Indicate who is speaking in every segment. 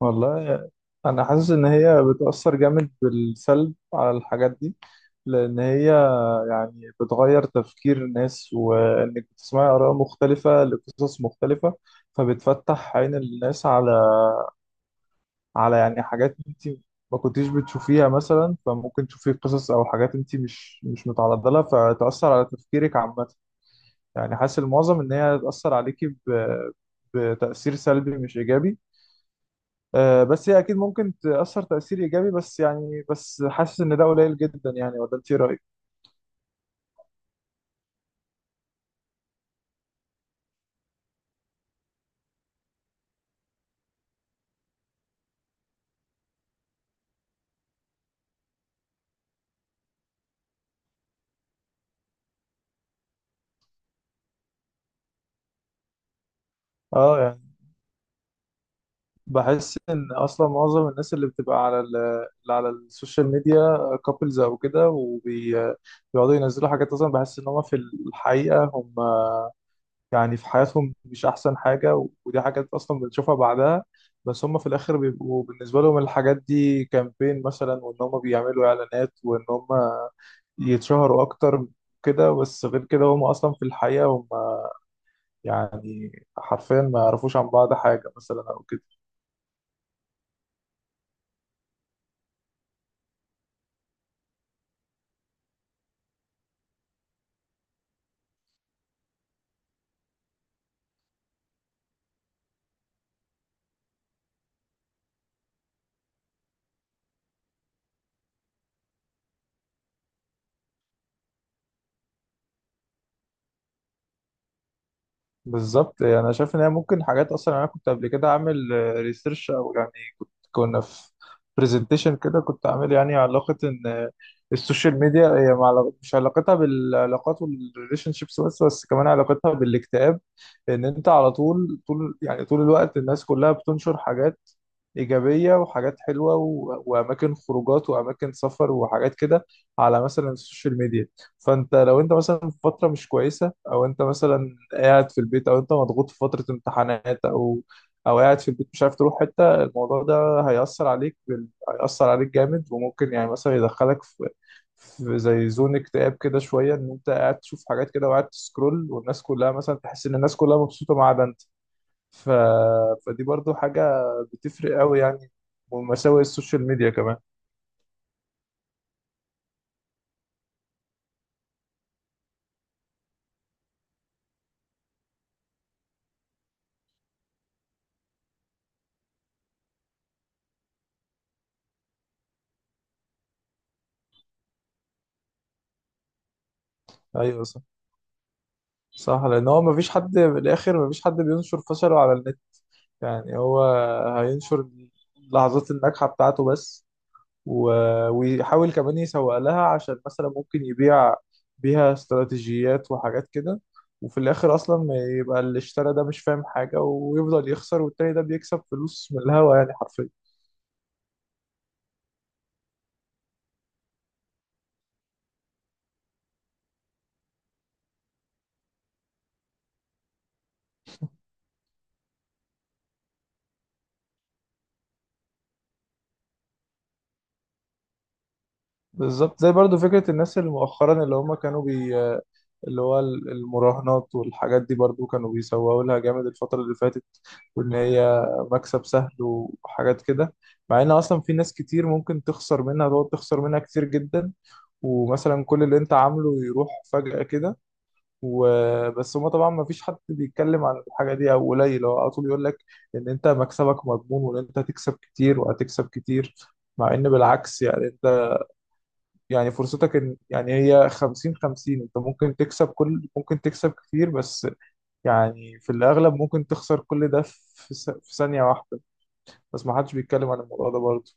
Speaker 1: والله، انا حاسس ان هي بتأثر جامد بالسلب على الحاجات دي. لان هي يعني بتغير تفكير الناس، وانك بتسمعي اراء مختلفة لقصص مختلفة. فبتفتح عين الناس على يعني حاجات انت ما كنتيش بتشوفيها مثلا. فممكن تشوفي قصص او حاجات انت مش متعرضة لها، فتأثر على تفكيرك عامة. يعني حاسس المعظم ان هي هتأثر عليكي بتأثير سلبي مش ايجابي. بس هي اكيد ممكن تاثر تاثير ايجابي. بس يعني حاسس ان ده قليل جدا يعني. ولا انت إيه رايك؟ اه يعني بحس ان اصلا معظم الناس اللي بتبقى اللي على السوشيال ميديا، كابلز او كده، وبيقعدوا ينزلوا حاجات. اصلا بحس ان هم في الحقيقه هم يعني في حياتهم مش أحسن حاجة، ودي حاجات أصلا بنشوفها بعدها. بس هم في الآخر بيبقوا بالنسبة لهم الحاجات دي كامبين مثلا، وإن هم بيعملوا إعلانات، وإن هم يتشهروا أكتر كده. بس غير كده، هم أصلا في الحقيقة هم يعني حرفيا ما يعرفوش عن بعض حاجة مثلا أو كده. بالظبط، يعني أنا شايف إن هي ممكن حاجات أصلا. يعني أنا كنت قبل كده أعمل ريسيرش، أو يعني كنا في برزنتيشن كده، كنت عامل يعني علاقة إن السوشيال ميديا هي مش علاقتها بالعلاقات والريليشن شيبس بس بس كمان علاقتها بالاكتئاب. إن أنت على طول يعني طول الوقت الناس كلها بتنشر حاجات إيجابية وحاجات حلوة، وأماكن خروجات وأماكن سفر وحاجات كده على مثلا السوشيال ميديا. فأنت لو أنت مثلا في فترة مش كويسة، أو أنت مثلا قاعد في البيت، أو أنت مضغوط في فترة امتحانات، أو أو قاعد في البيت مش عارف تروح حتة، الموضوع ده هيأثر عليك جامد. وممكن يعني مثلا يدخلك في في زي زون اكتئاب كده شوية، ان انت قاعد تشوف حاجات كده وقاعد تسكرول، والناس كلها مثلا، تحس ان الناس كلها مبسوطة ما عدا انت. ف... فدي برضو حاجة بتفرق قوي يعني، ومساوئ السوشيال ميديا كمان. ايوه، صح، صح. لان هو مفيش حد في الاخر مفيش حد بينشر فشله على النت. يعني هو هينشر اللحظات الناجحة بتاعته بس، ويحاول كمان يسوق لها عشان مثلا ممكن يبيع بيها استراتيجيات وحاجات كده. وفي الاخر اصلا ما يبقى اللي اشترى ده مش فاهم حاجه ويفضل يخسر، والتاني ده بيكسب فلوس من الهوا يعني حرفيا. بالظبط، زي برضو فكره الناس اللي مؤخرا اللي هم كانوا بي اللي هو المراهنات والحاجات دي، برضو كانوا بيسوقوا لها جامد الفتره اللي فاتت. وان هي مكسب سهل وحاجات كده، مع ان اصلا في ناس كتير ممكن تخسر منها، تقعد تخسر منها كتير جدا. ومثلا كل اللي انت عامله يروح فجأة كده. وبس هما طبعا ما فيش حد بيتكلم عن الحاجة دي، او قليل. هو على طول يقول لك ان انت مكسبك مضمون، وان انت هتكسب كتير وهتكسب كتير. مع ان بالعكس، يعني انت يعني فرصتك ان يعني هي 50/50. انت ممكن تكسب كل ممكن تكسب كتير، بس يعني في الاغلب ممكن تخسر كل ده في ثانية واحدة. بس ما حدش بيتكلم عن الموضوع ده برضه.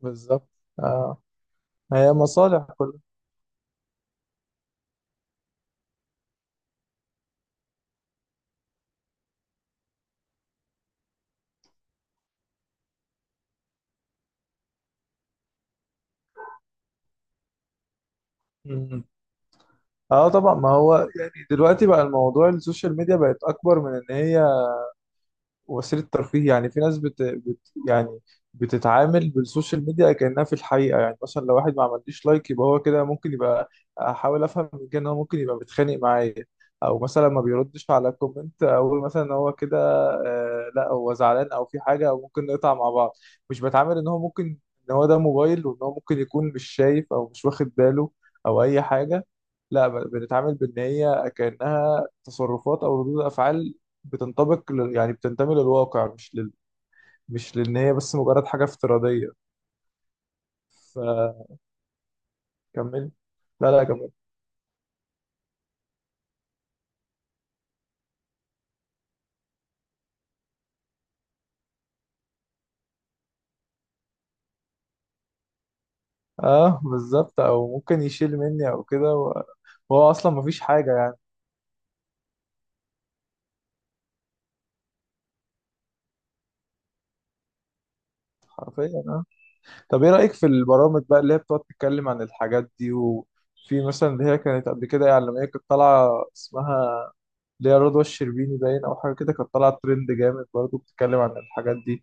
Speaker 1: بالظبط. آه. هي مصالح كلها. اه، طبعا. ما هو يعني دلوقتي بقى الموضوع، السوشيال ميديا بقت اكبر من ان هي وسيلة ترفيه. يعني في ناس يعني بتتعامل بالسوشيال ميديا كأنها في الحقيقة. يعني مثلا لو واحد ما عمليش لايك، يبقى هو كده ممكن يبقى، أحاول أفهم من كده إن هو ممكن يبقى متخانق معايا. أو مثلا ما بيردش على كومنت، أقول مثلا إن هو كده لا، هو زعلان أو في حاجة أو ممكن نقطع مع بعض. مش بتعامل إن هو ممكن، إن هو ده موبايل، وإن هو ممكن يكون مش شايف أو مش واخد باله أو أي حاجة. لا، بنتعامل بإن هي كأنها تصرفات أو ردود أفعال يعني بتنتمي للواقع، مش لان هي بس مجرد حاجه افتراضيه. فكمل. لا، لا، كمل. اه، بالظبط. او ممكن يشيل مني او كده وهو اصلا مفيش حاجه يعني. حرفيا، اه. طب ايه رايك في البرامج بقى اللي هي بتقعد تتكلم عن الحاجات دي؟ وفي مثلا اللي هي كانت قبل كده يعني، لما هي كانت طالعه، اسمها اللي هي رضوى الشربيني باين او حاجه كده، كانت طالعه ترند جامد برضه بتتكلم عن الحاجات دي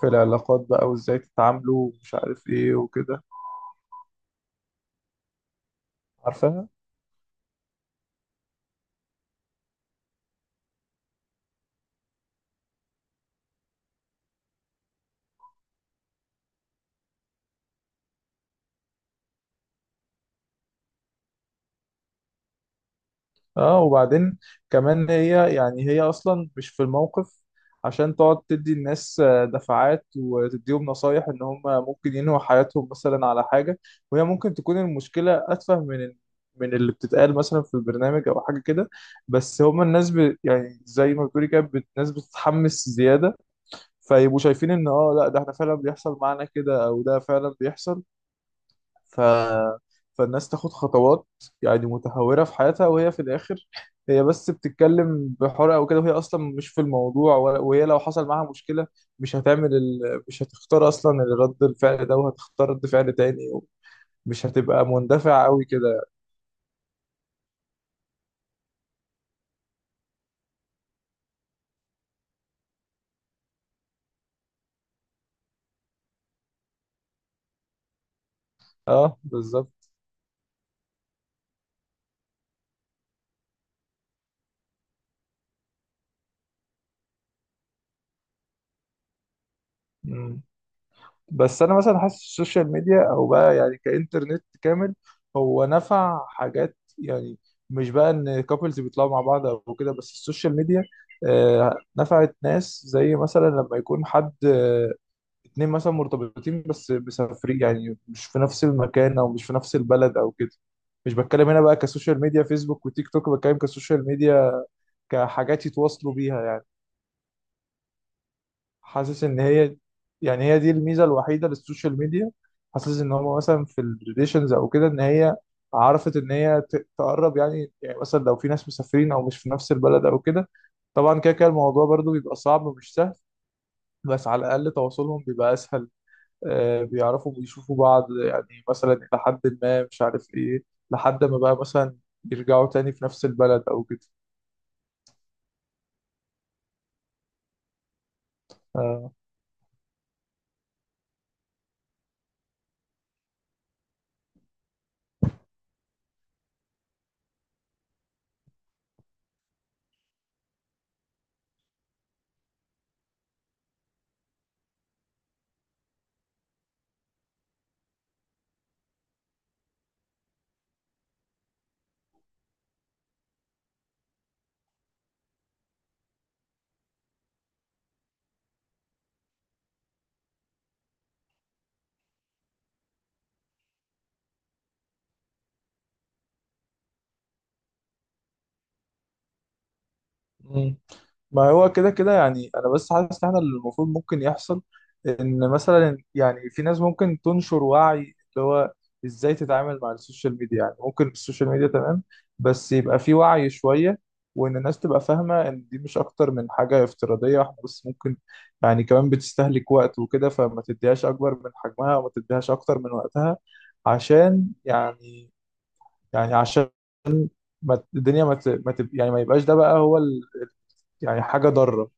Speaker 1: في العلاقات بقى، وازاي تتعاملوا ومش عارف ايه وكده. عارفه؟ اه، وبعدين كمان هي يعني هي اصلا مش في الموقف عشان تقعد تدي الناس دفعات وتديهم نصايح ان هم ممكن ينهوا حياتهم مثلا على حاجة. وهي ممكن تكون المشكلة اتفه من اللي بتتقال مثلا في البرنامج او حاجة كده. بس هم الناس يعني زي ما بتقولي كده الناس بتتحمس زيادة. فيبقوا شايفين ان لا، ده احنا فعلا بيحصل معانا كده، او ده فعلا بيحصل. ف... فالناس تاخد خطوات يعني متهورة في حياتها. وهي في الآخر هي بس بتتكلم بحرقة وكده، وهي أصلا مش في الموضوع. وهي لو حصل معاها مشكلة مش هتعمل ال... مش هتختار أصلا الرد الفعل ده، وهتختار رد فعل تاني، ومش هتبقى مندفع قوي كده. اه، بالظبط. بس انا مثلا حاسس السوشيال ميديا، او بقى يعني كانترنت كامل، هو نفع حاجات يعني. مش بقى ان كابلز بيطلعوا مع بعض او كده بس. السوشيال ميديا نفعت ناس، زي مثلا لما يكون حد اتنين مثلا مرتبطين بس مسافرين، يعني مش في نفس المكان او مش في نفس البلد او كده. مش بتكلم هنا بقى كسوشيال ميديا فيسبوك وتيك توك، بتكلم كسوشيال ميديا، كحاجات يتواصلوا بيها يعني. حاسس ان هي يعني هي دي الميزه الوحيده للسوشيال ميديا. حاسس ان هو مثلا في الريليشنز او كده، ان هي عرفت ان هي تقرب يعني مثلا لو في ناس مسافرين او مش في نفس البلد او كده. طبعا كده كده الموضوع برضو بيبقى صعب ومش سهل، بس على الاقل تواصلهم بيبقى اسهل. آه، بيعرفوا بيشوفوا بعض يعني مثلا الى حد ما، مش عارف ايه، لحد ما بقى مثلا يرجعوا تاني في نفس البلد او كده. آه. مم. ما هو كده كده يعني، انا بس حاسس ان احنا اللي المفروض ممكن يحصل، ان مثلا يعني في ناس ممكن تنشر وعي اللي هو ازاي تتعامل مع السوشيال ميديا. يعني ممكن السوشيال ميديا تمام، بس يبقى في وعي شوية، وان الناس تبقى فاهمة ان دي مش اكتر من حاجة افتراضية. احنا بس ممكن، يعني كمان بتستهلك وقت وكده، فما تديهاش اكبر من حجمها وما تديهاش اكتر من وقتها، عشان يعني يعني عشان ما الدنيا ما ت... ما تب... يعني ما يبقاش ده بقى هو يعني حاجة ضارة.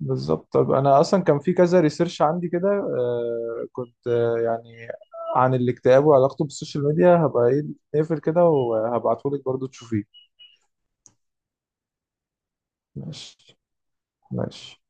Speaker 1: بالظبط. طب أنا أصلا كان في كذا ريسيرش عندي كده، كنت يعني عن الاكتئاب وعلاقته بالسوشيال ميديا. هبقى إيه نقفل كده وهبعتهولك برضو تشوفيه. ماشي. ماشي.